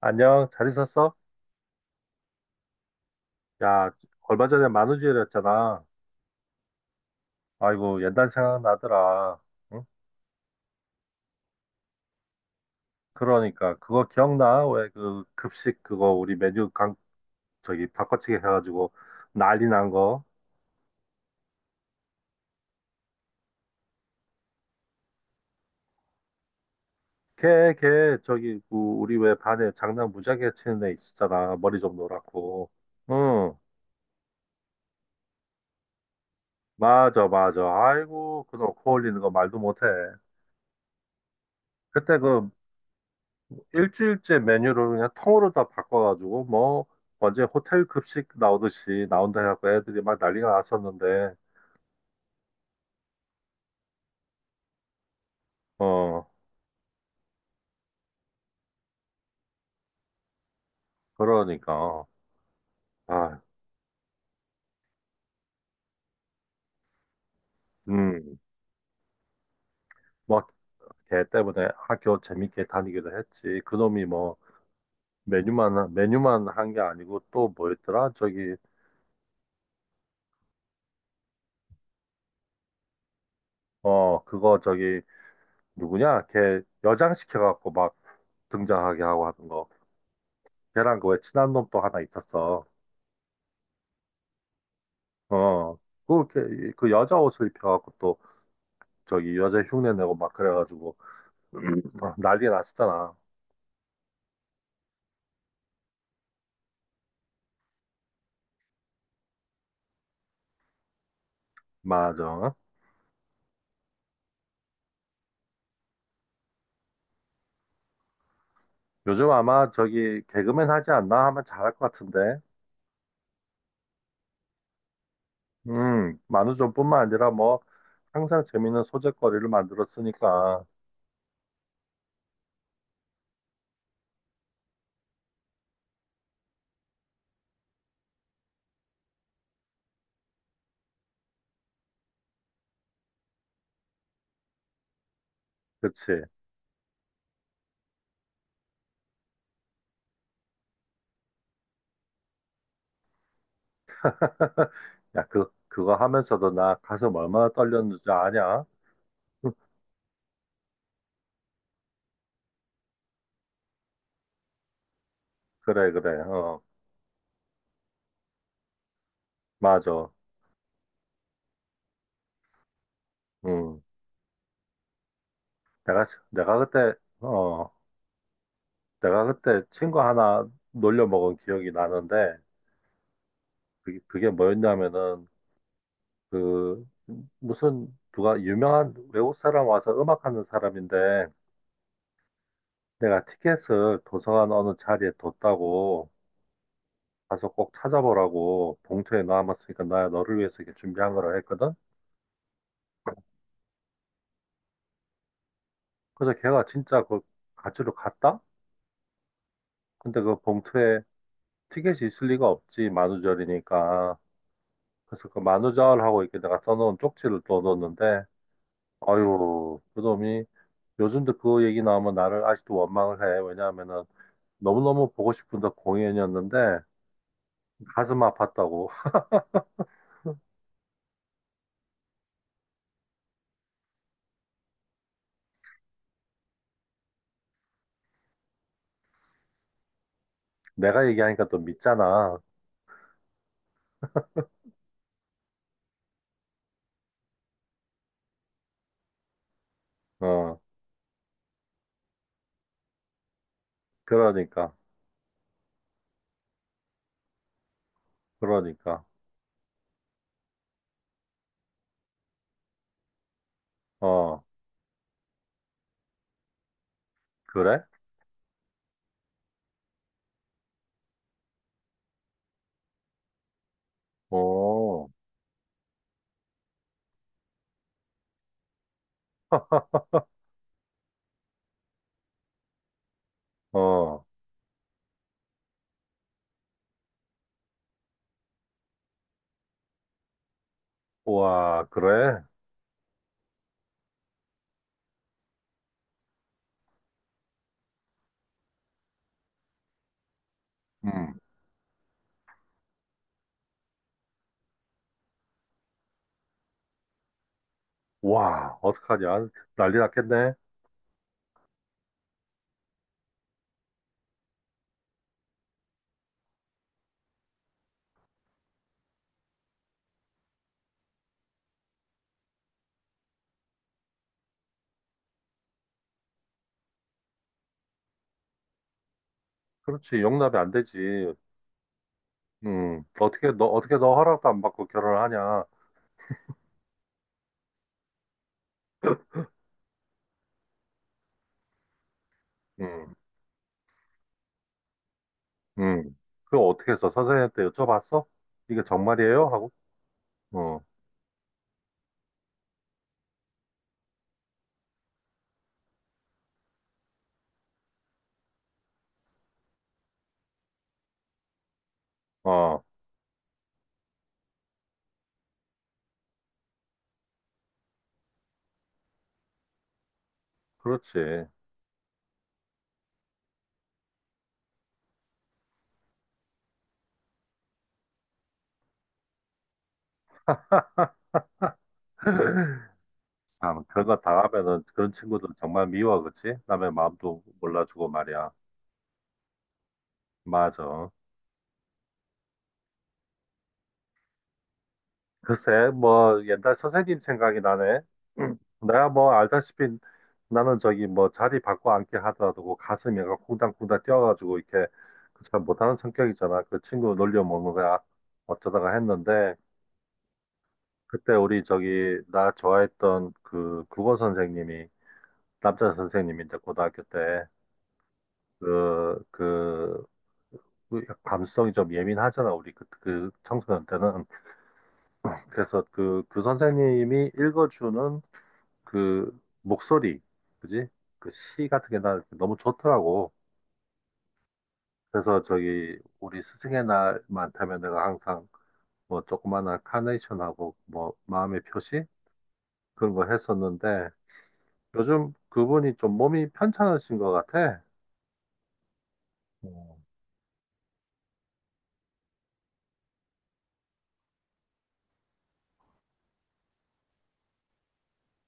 안녕, 잘 있었어? 야, 얼마 전에 만우절이었잖아. 아이고, 옛날 생각나더라. 응? 그러니까, 그거 기억나? 왜 그 급식 그거 우리 메뉴 강, 저기 바꿔치기 해가지고 난리 난 거? 걔, 저기, 그 우리 왜 반에 장난 무지하게 치는 애 있었잖아. 머리 좀 노랗고. 응, 맞아, 맞아. 아이고, 그놈 코 올리는 거 말도 못해. 그때 그 일주일째 메뉴를 그냥 통으로 다 바꿔가지고 뭐 언제 호텔 급식 나오듯이 나온다 해갖고 애들이 막 난리가 났었는데 어 그러니까 아 음 뭐 걔 때문에 학교 재밌게 다니기도 했지 그놈이 뭐 메뉴만 한 게 아니고 또 뭐였더라 저기 어 그거 저기 누구냐 걔 여장시켜갖고 막 등장하게 하고 하는 거 걔랑 그 왜 친한 놈 또 하나 있었어 어 그 여자 옷을 입혀갖고 또 저기 여자 흉내 내고 막 그래가지고 어, 난리 났었잖아. 맞아. 요즘 아마 저기 개그맨 하지 않나 하면 잘할 것 같은데. 만우절뿐만 아니라 뭐 항상 재밌는 소재거리를 만들었으니까. 그치? 야, 그거 하면서도 나 가슴 얼마나 떨렸는지 아냐? 그래, 그래. 어, 맞아. 음, 내가, 내가 그때, 어, 내가 그때 친구 하나 놀려 먹은 기억이 나는데, 그게 뭐였냐면은, 그 무슨 누가 유명한 외국 사람 와서 음악하는 사람인데 내가 티켓을 도서관 어느 자리에 뒀다고 가서 꼭 찾아보라고 봉투에 넣어놨으니까 나 너를 위해서 이렇게 준비한 거라 했거든. 그래서 걔가 진짜 그 가지러 갔다? 근데 그 봉투에 티켓이 있을 리가 없지 만우절이니까. 그래서 그 만우절하고 이렇게 내가 써놓은 쪽지를 또 넣었는데 아유 그놈이 요즘도 그 얘기 나오면 나를 아직도 원망을 해. 왜냐하면은 너무너무 보고 싶은 또 공연이었는데 가슴 아팠다고. 내가 얘기하니까 또 믿잖아. 어, 그러니까, 그러니까. 어, 그래? 어, 어, 와, 그래? 음, 와, 어떡하냐? 난리 났겠네. 그렇지, 용납이 안 되지. 어떻게 너 허락도 안 받고 결혼을 하냐? 음, 음. 그거 어떻게 했어? 선생님한테 여쭤봤어? 이게 정말이에요? 하고, 어, 어, 그렇지. 아, 뭐 그런 거 당하면은 그런 친구들 정말 미워, 그치? 남의 마음도 몰라주고 말이야. 맞아. 글쎄, 뭐 옛날 선생님 생각이 나네. 음. 내가 뭐 알다시피 나는 저기 뭐 자리 바꿔 앉게 하더라도 그 가슴이 가 쿵당쿵당 뛰어가지고 이렇게 그잘 못하는 성격이잖아. 그 친구 놀려 먹는 거야. 어쩌다가 했는데 그때 우리 저기 나 좋아했던 그 국어 선생님이 남자 선생님인데 고등학교 때그그 그 감성이 좀 예민하잖아, 우리 그 청소년 때는. 그래서 그 선생님이 읽어주는 그 목소리, 그지? 그 시 같은 게 나 너무 좋더라고. 그래서 저기, 우리 스승의 날만 되면 내가 항상 뭐 조그마한 카네이션하고 뭐 마음의 표시? 그런 거 했었는데, 요즘 그분이 좀 몸이 편찮으신 것 같아. 음.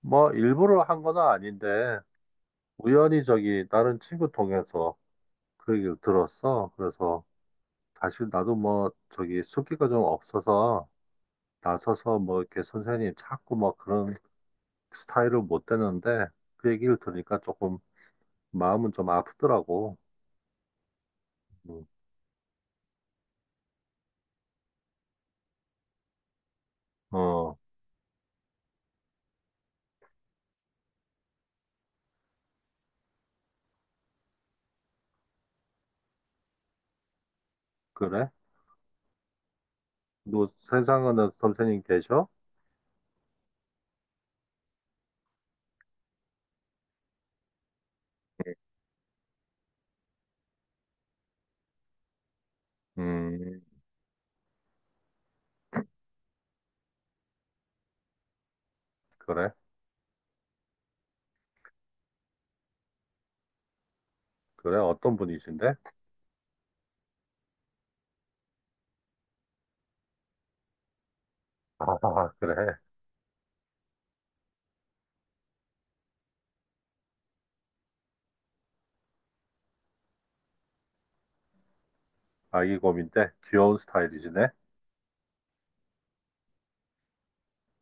뭐 일부러 한 건 아닌데, 우연히 저기 다른 친구 통해서 그 얘기를 들었어. 그래서 사실 나도 뭐 저기 숫기가 좀 없어서 나서서 뭐 이렇게 선생님 찾고 뭐 그런 스타일을 못 되는데 그 얘기를 들으니까 조금 마음은 좀 아프더라고. 음, 어, 그래? 너 세상에는 선생님 계셔? 음, 그래? 그래? 어떤 분이신데? 아, 그래. 아기 곰인데 귀여운 스타일이시네.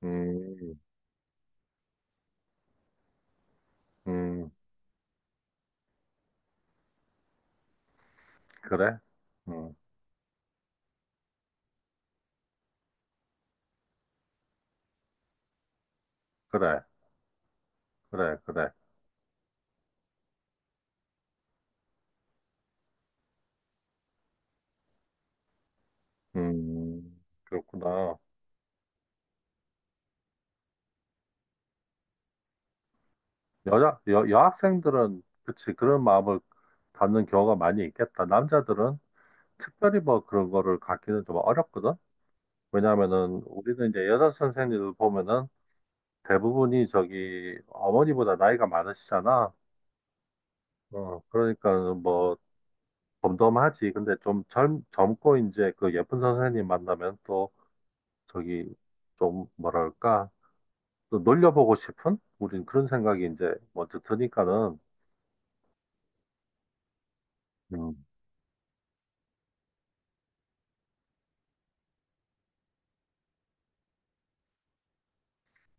음, 음, 그래? 음, 그래, 그래, 그래. 그렇구나. 여학생들은, 그치, 그런 마음을 갖는 경우가 많이 있겠다. 남자들은 특별히 뭐 그런 거를 갖기는 좀 어렵거든? 왜냐면은, 우리는 이제 여자 선생님들 보면은 대부분이 저기 어머니보다 나이가 많으시잖아. 어, 그러니까 뭐 덤덤하지. 근데 좀 젊고 이제 그 예쁜 선생님 만나면 또 저기 좀 뭐랄까, 또 놀려보고 싶은? 우린 그런 생각이 이제 먼저 드니까는, 음,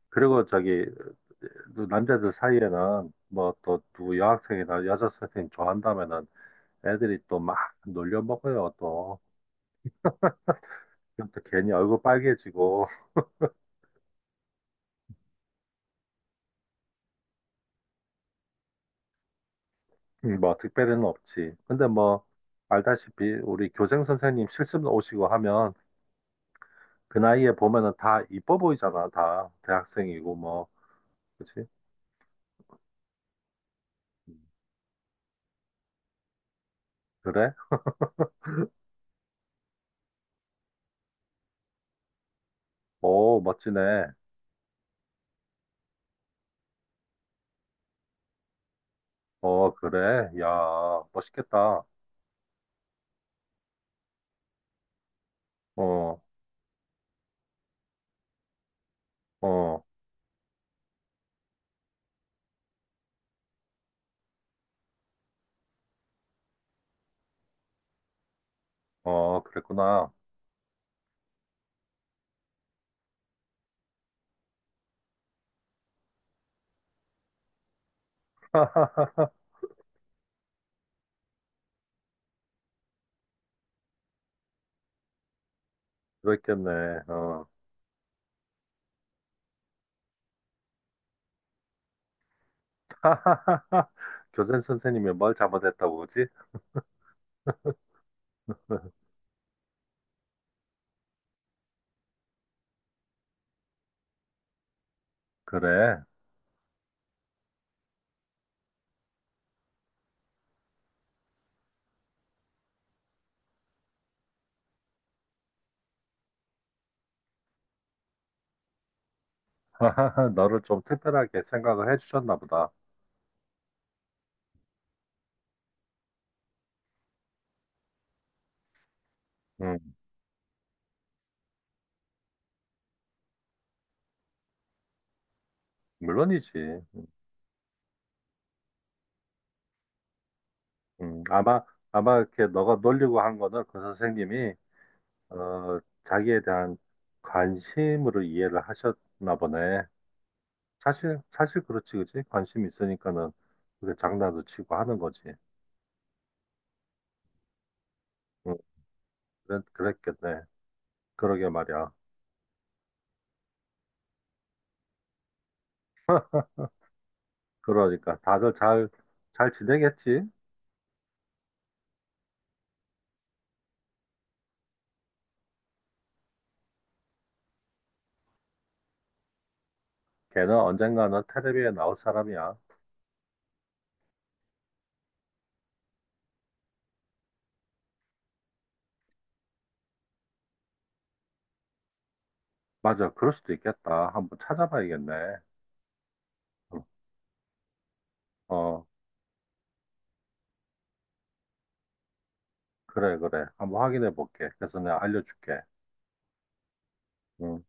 그리고 저기 또 남자들 사이에는 뭐 또 누구 여학생이나 여자 선생님 좋아한다면은 애들이 또 막 놀려 먹어요 또. 그럼 또 괜히 얼굴 빨개지고 뭐 특별히는 없지. 근데 뭐 알다시피 우리 교생 선생님 실습 오시고 하면 그 나이에 보면은 다 이뻐 보이잖아 다 대학생이고 뭐 그치? 음. 그래? 오 멋지네. 어 그래? 야 멋있겠다. 어 어, 어, 그랬구나. 그랬겠네. 어. 교생 선생님이 뭘 잘못했다고 그러지? 그래. 너를 좀 특별하게 생각을 해주셨나 보다. 음, 물론이지. 음, 음, 아마, 아마 이렇게 너가 놀리고 한 거는 그 선생님이, 어, 자기에 대한 관심으로 이해를 하셨나 보네. 사실 그렇지, 그치? 관심이 있으니까는 그게 장난도 치고 하는 거지. 음, 그랬, 그랬겠네. 그러게 말이야. 그러니까 다들 잘 지내겠지? 걔는 언젠가는 텔레비에 나올 사람이야. 맞아, 그럴 수도 있겠다. 한번 찾아봐야겠네. 어, 그래, 그래. 한번 확인해 볼게. 그래서 내가 알려줄게. 응.